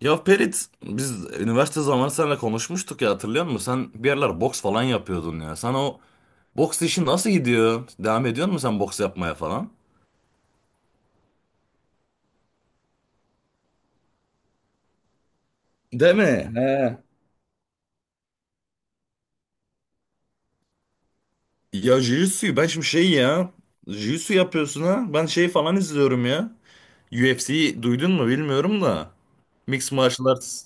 Ya Perit biz üniversite zamanı seninle konuşmuştuk ya, hatırlıyor musun? Sen bir yerler boks falan yapıyordun ya. Sana o boks işi nasıl gidiyor? Devam ediyor musun sen boks yapmaya falan? Değil mi? He. Ya jiu-jitsu ben şimdi şey ya. Jiu-jitsu yapıyorsun ha. Ben şey falan izliyorum ya. UFC'yi duydun mu bilmiyorum da. Mixed Martial Arts.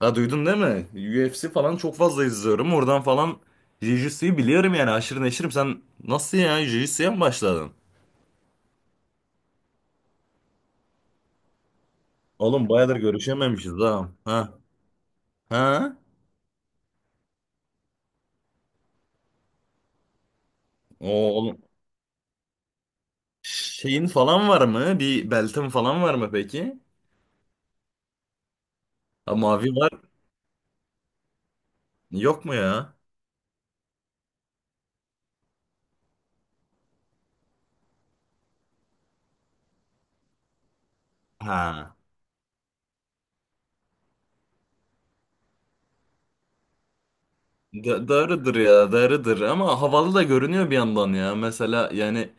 Ha, duydun değil mi? UFC falan çok fazla izliyorum. Oradan falan jiu-jitsu'yu biliyorum yani, aşırı neşirim. Sen nasıl ya, jiu-jitsu'ya mı başladın? Oğlum bayağıdır görüşememişiz ha. Ha. Ha? O oğlum şeyin falan var mı? Bir beltin falan var mı peki? Ha, mavi var. Yok mu ya? Ha. Da darıdır ya, darıdır ama havalı da görünüyor bir yandan ya. Mesela yani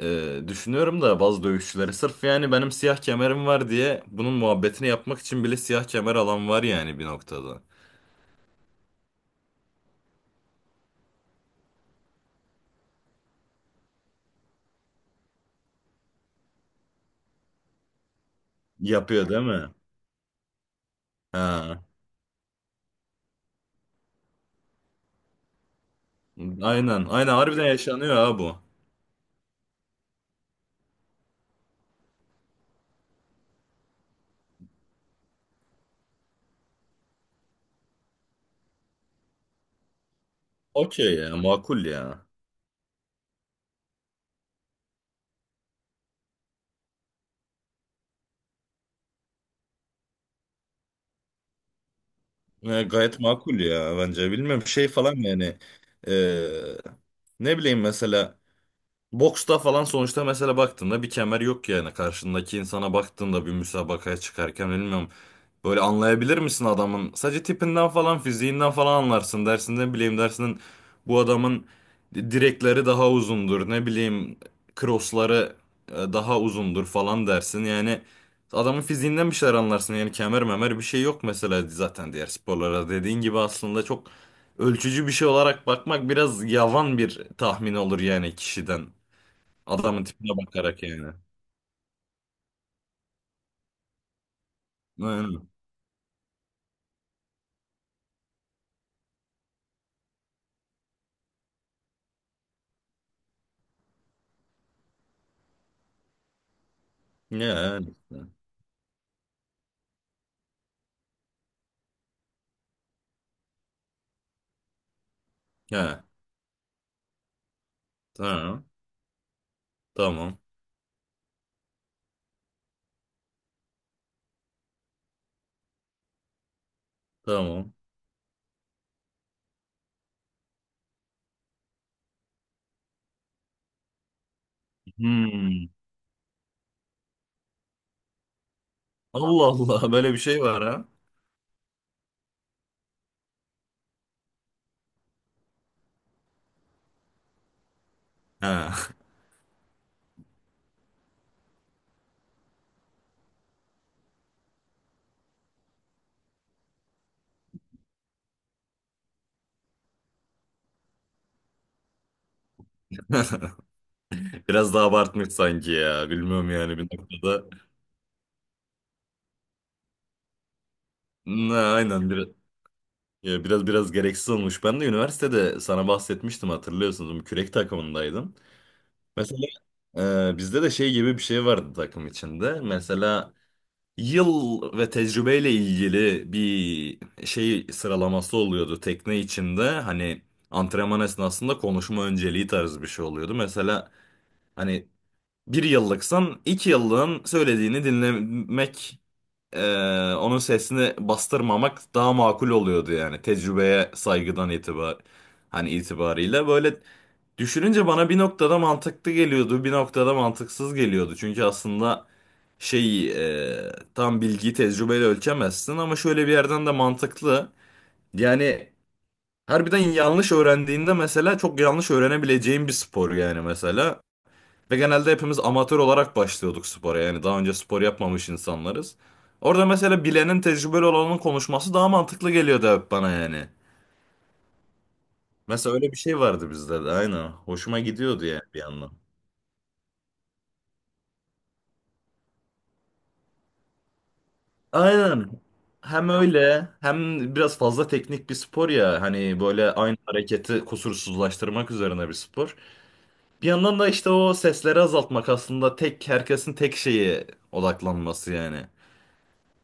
düşünüyorum da bazı dövüşçüleri sırf yani benim siyah kemerim var diye bunun muhabbetini yapmak için bile siyah kemer alan var yani bir noktada. Yapıyor değil mi? Ha. Aynen. Aynen harbiden yaşanıyor ha bu. Okey ya, makul ya. E, gayet makul ya bence. Bilmiyorum şey falan yani, e, ne bileyim mesela boksta falan sonuçta mesela baktığında bir kemer yok yani, karşındaki insana baktığında bir müsabakaya çıkarken bilmiyorum. Böyle anlayabilir misin adamın? Sadece tipinden falan, fiziğinden falan anlarsın. Dersinden bileyim dersinden bu adamın direkleri daha uzundur. Ne bileyim, crossları daha uzundur falan dersin. Yani adamın fiziğinden bir şeyler anlarsın. Yani kemer memer bir şey yok mesela zaten diğer sporlara. Dediğin gibi aslında çok ölçücü bir şey olarak bakmak biraz yavan bir tahmin olur yani, kişiden. Adamın tipine bakarak yani. Yani. Yani. Ya. Tamam. Tamam. Tamam. Hmm. Allah Allah, böyle bir şey var ha. Ha, biraz daha abartmış sanki ya. Bilmiyorum yani, bir noktada. Ne, aynen biraz, ya biraz biraz gereksiz olmuş. Ben de üniversitede sana bahsetmiştim, hatırlıyorsunuz. Bu Kürek takımındaydım. Mesela bizde de şey gibi bir şey vardı takım içinde. Mesela yıl ve tecrübeyle ilgili bir şey sıralaması oluyordu tekne içinde. Hani antrenman esnasında konuşma önceliği tarzı bir şey oluyordu. Mesela hani bir yıllıksan iki yıllığın söylediğini dinlemek, onun sesini bastırmamak daha makul oluyordu yani, tecrübeye saygıdan itibar, hani itibariyle. Böyle düşününce bana bir noktada mantıklı geliyordu, bir noktada mantıksız geliyordu çünkü aslında şey, tam bilgiyi tecrübeyle ölçemezsin ama şöyle bir yerden de mantıklı. Yani harbiden yanlış öğrendiğinde mesela çok yanlış öğrenebileceğin bir spor yani mesela, ve genelde hepimiz amatör olarak başlıyorduk spora. Yani daha önce spor yapmamış insanlarız. Orada mesela bilenin, tecrübeli olanın konuşması daha mantıklı geliyordu hep bana yani. Mesela öyle bir şey vardı bizde de aynen. Hoşuma gidiyordu yani bir yandan. Aynen. Hem öyle hem biraz fazla teknik bir spor ya. Hani böyle aynı hareketi kusursuzlaştırmak üzerine bir spor. Bir yandan da işte o sesleri azaltmak aslında tek, herkesin tek şeyi odaklanması yani.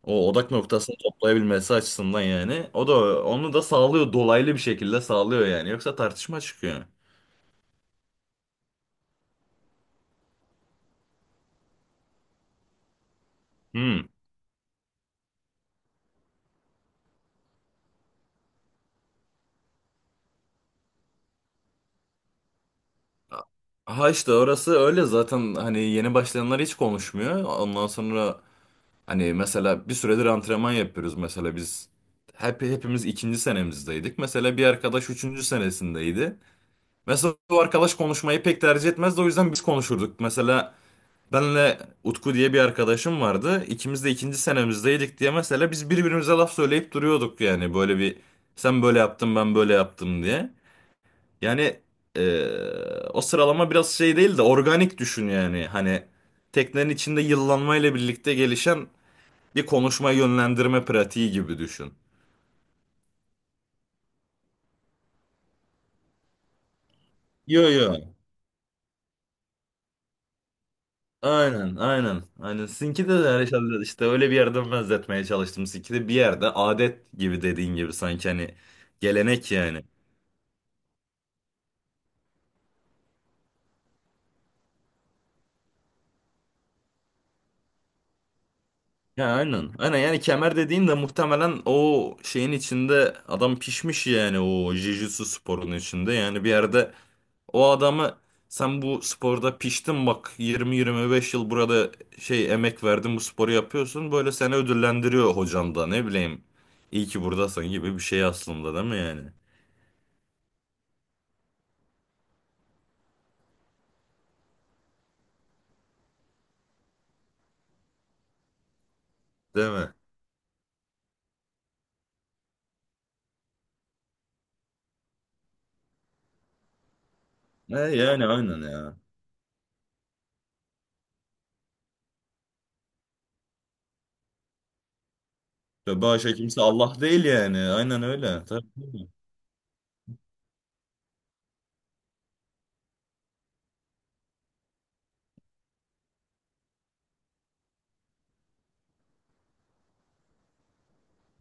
O odak noktasını toplayabilmesi açısından yani. O da onu da sağlıyor. Dolaylı bir şekilde sağlıyor yani. Yoksa tartışma çıkıyor. Hmm. Ha işte orası öyle zaten, hani yeni başlayanlar hiç konuşmuyor. Ondan sonra hani mesela bir süredir antrenman yapıyoruz mesela biz. Hepimiz ikinci senemizdeydik. Mesela bir arkadaş üçüncü senesindeydi. Mesela bu arkadaş konuşmayı pek tercih etmezdi, o yüzden biz konuşurduk. Mesela benle Utku diye bir arkadaşım vardı. İkimiz de ikinci senemizdeydik diye mesela biz birbirimize laf söyleyip duruyorduk yani, böyle bir sen böyle yaptın ben böyle yaptım diye. Yani o sıralama biraz şey değil de organik düşün yani, hani teknenin içinde yıllanmayla birlikte gelişen bir konuşma yönlendirme pratiği gibi düşün. Yo yo. Aynen aynen. Aynen. Sizinki de herhalde işte öyle bir yerden benzetmeye çalıştım. Sizinki de bir yerde adet gibi, dediğin gibi, sanki hani gelenek yani. Ya aynen. Aynen yani kemer dediğin de muhtemelen o şeyin içinde adam pişmiş yani, o jiu-jitsu sporunun içinde. Yani bir yerde o adamı, sen bu sporda piştin bak 20-25 yıl burada şey emek verdin, bu sporu yapıyorsun. Böyle seni ödüllendiriyor hocan da, ne bileyim. İyi ki buradasın gibi bir şey aslında, değil mi yani? Değil mi? E yani aynen ya. Ve başka kimse Allah değil yani. Aynen öyle. Tabii, tabii.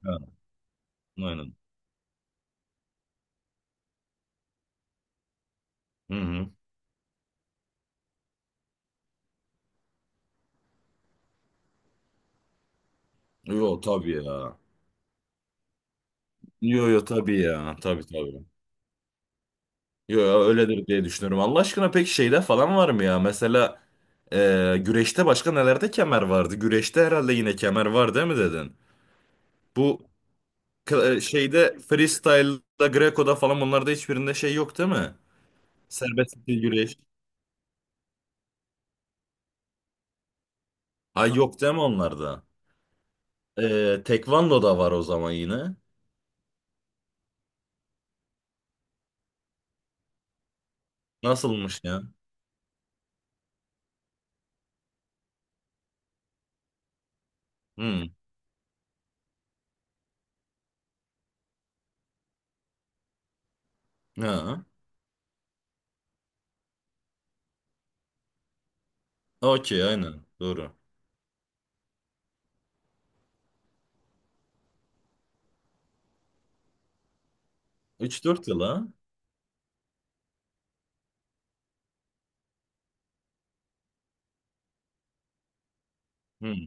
Ha, aynen. Hı hı. Yo tabii ya. Yo yo tabii ya. Tabii tabii. Yo yo öyledir diye düşünüyorum. Allah aşkına, peki şeyde falan var mı ya? Mesela güreşte başka nelerde kemer vardı? Güreşte herhalde yine kemer var, değil mi dedin? Bu şeyde freestyle'da, Greco'da falan, onlarda hiçbirinde şey yok değil mi? Serbest stil güreş. Ay yok değil mi onlarda? E, Tekvando'da var o zaman yine. Nasılmış ya? Hmm. Ha. Okey aynen. Doğru. Üç dört yıl ha? Hmm.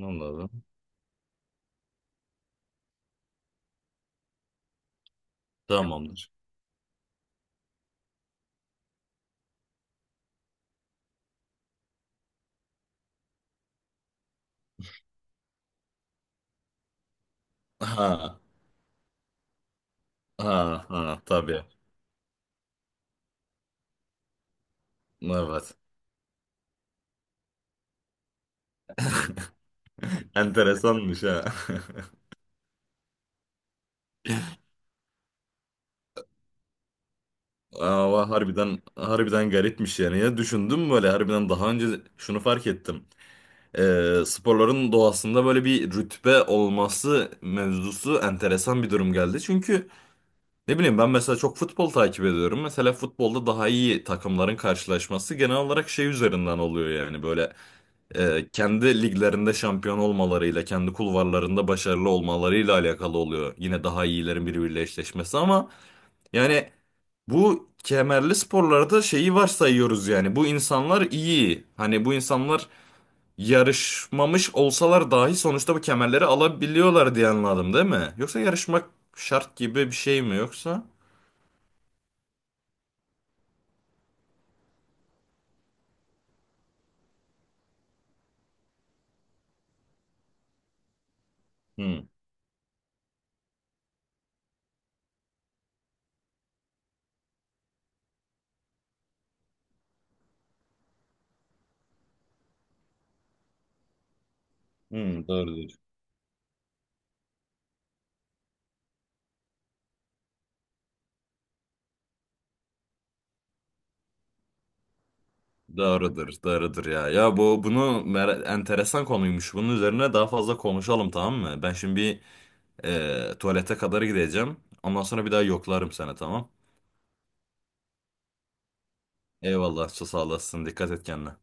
Anladım. Tamamdır. Ha. Ha ha tabii. Evet. Enteresanmış ha. Ama harbiden harbiden garipmiş yani. Ya düşündüm böyle, harbiden daha önce şunu fark ettim. Sporların doğasında böyle bir rütbe olması mevzusu enteresan bir durum geldi. Çünkü ne bileyim, ben mesela çok futbol takip ediyorum. Mesela futbolda daha iyi takımların karşılaşması genel olarak şey üzerinden oluyor yani, böyle kendi liglerinde şampiyon olmalarıyla, kendi kulvarlarında başarılı olmalarıyla alakalı oluyor. Yine daha iyilerin birbiriyle eşleşmesi, ama yani bu kemerli sporlarda şeyi varsayıyoruz yani. Bu insanlar iyi. Hani bu insanlar yarışmamış olsalar dahi sonuçta bu kemerleri alabiliyorlar diye anladım değil mi? Yoksa yarışmak şart gibi bir şey mi yoksa? Hı, hı, doğru. Doğrudur, doğrudur ya. Ya bu bunu enteresan konuymuş. Bunun üzerine daha fazla konuşalım, tamam mı? Ben şimdi bir tuvalete kadar gideceğim. Ondan sonra bir daha yoklarım seni, tamam. Eyvallah, sağ olasın. Dikkat et kendine.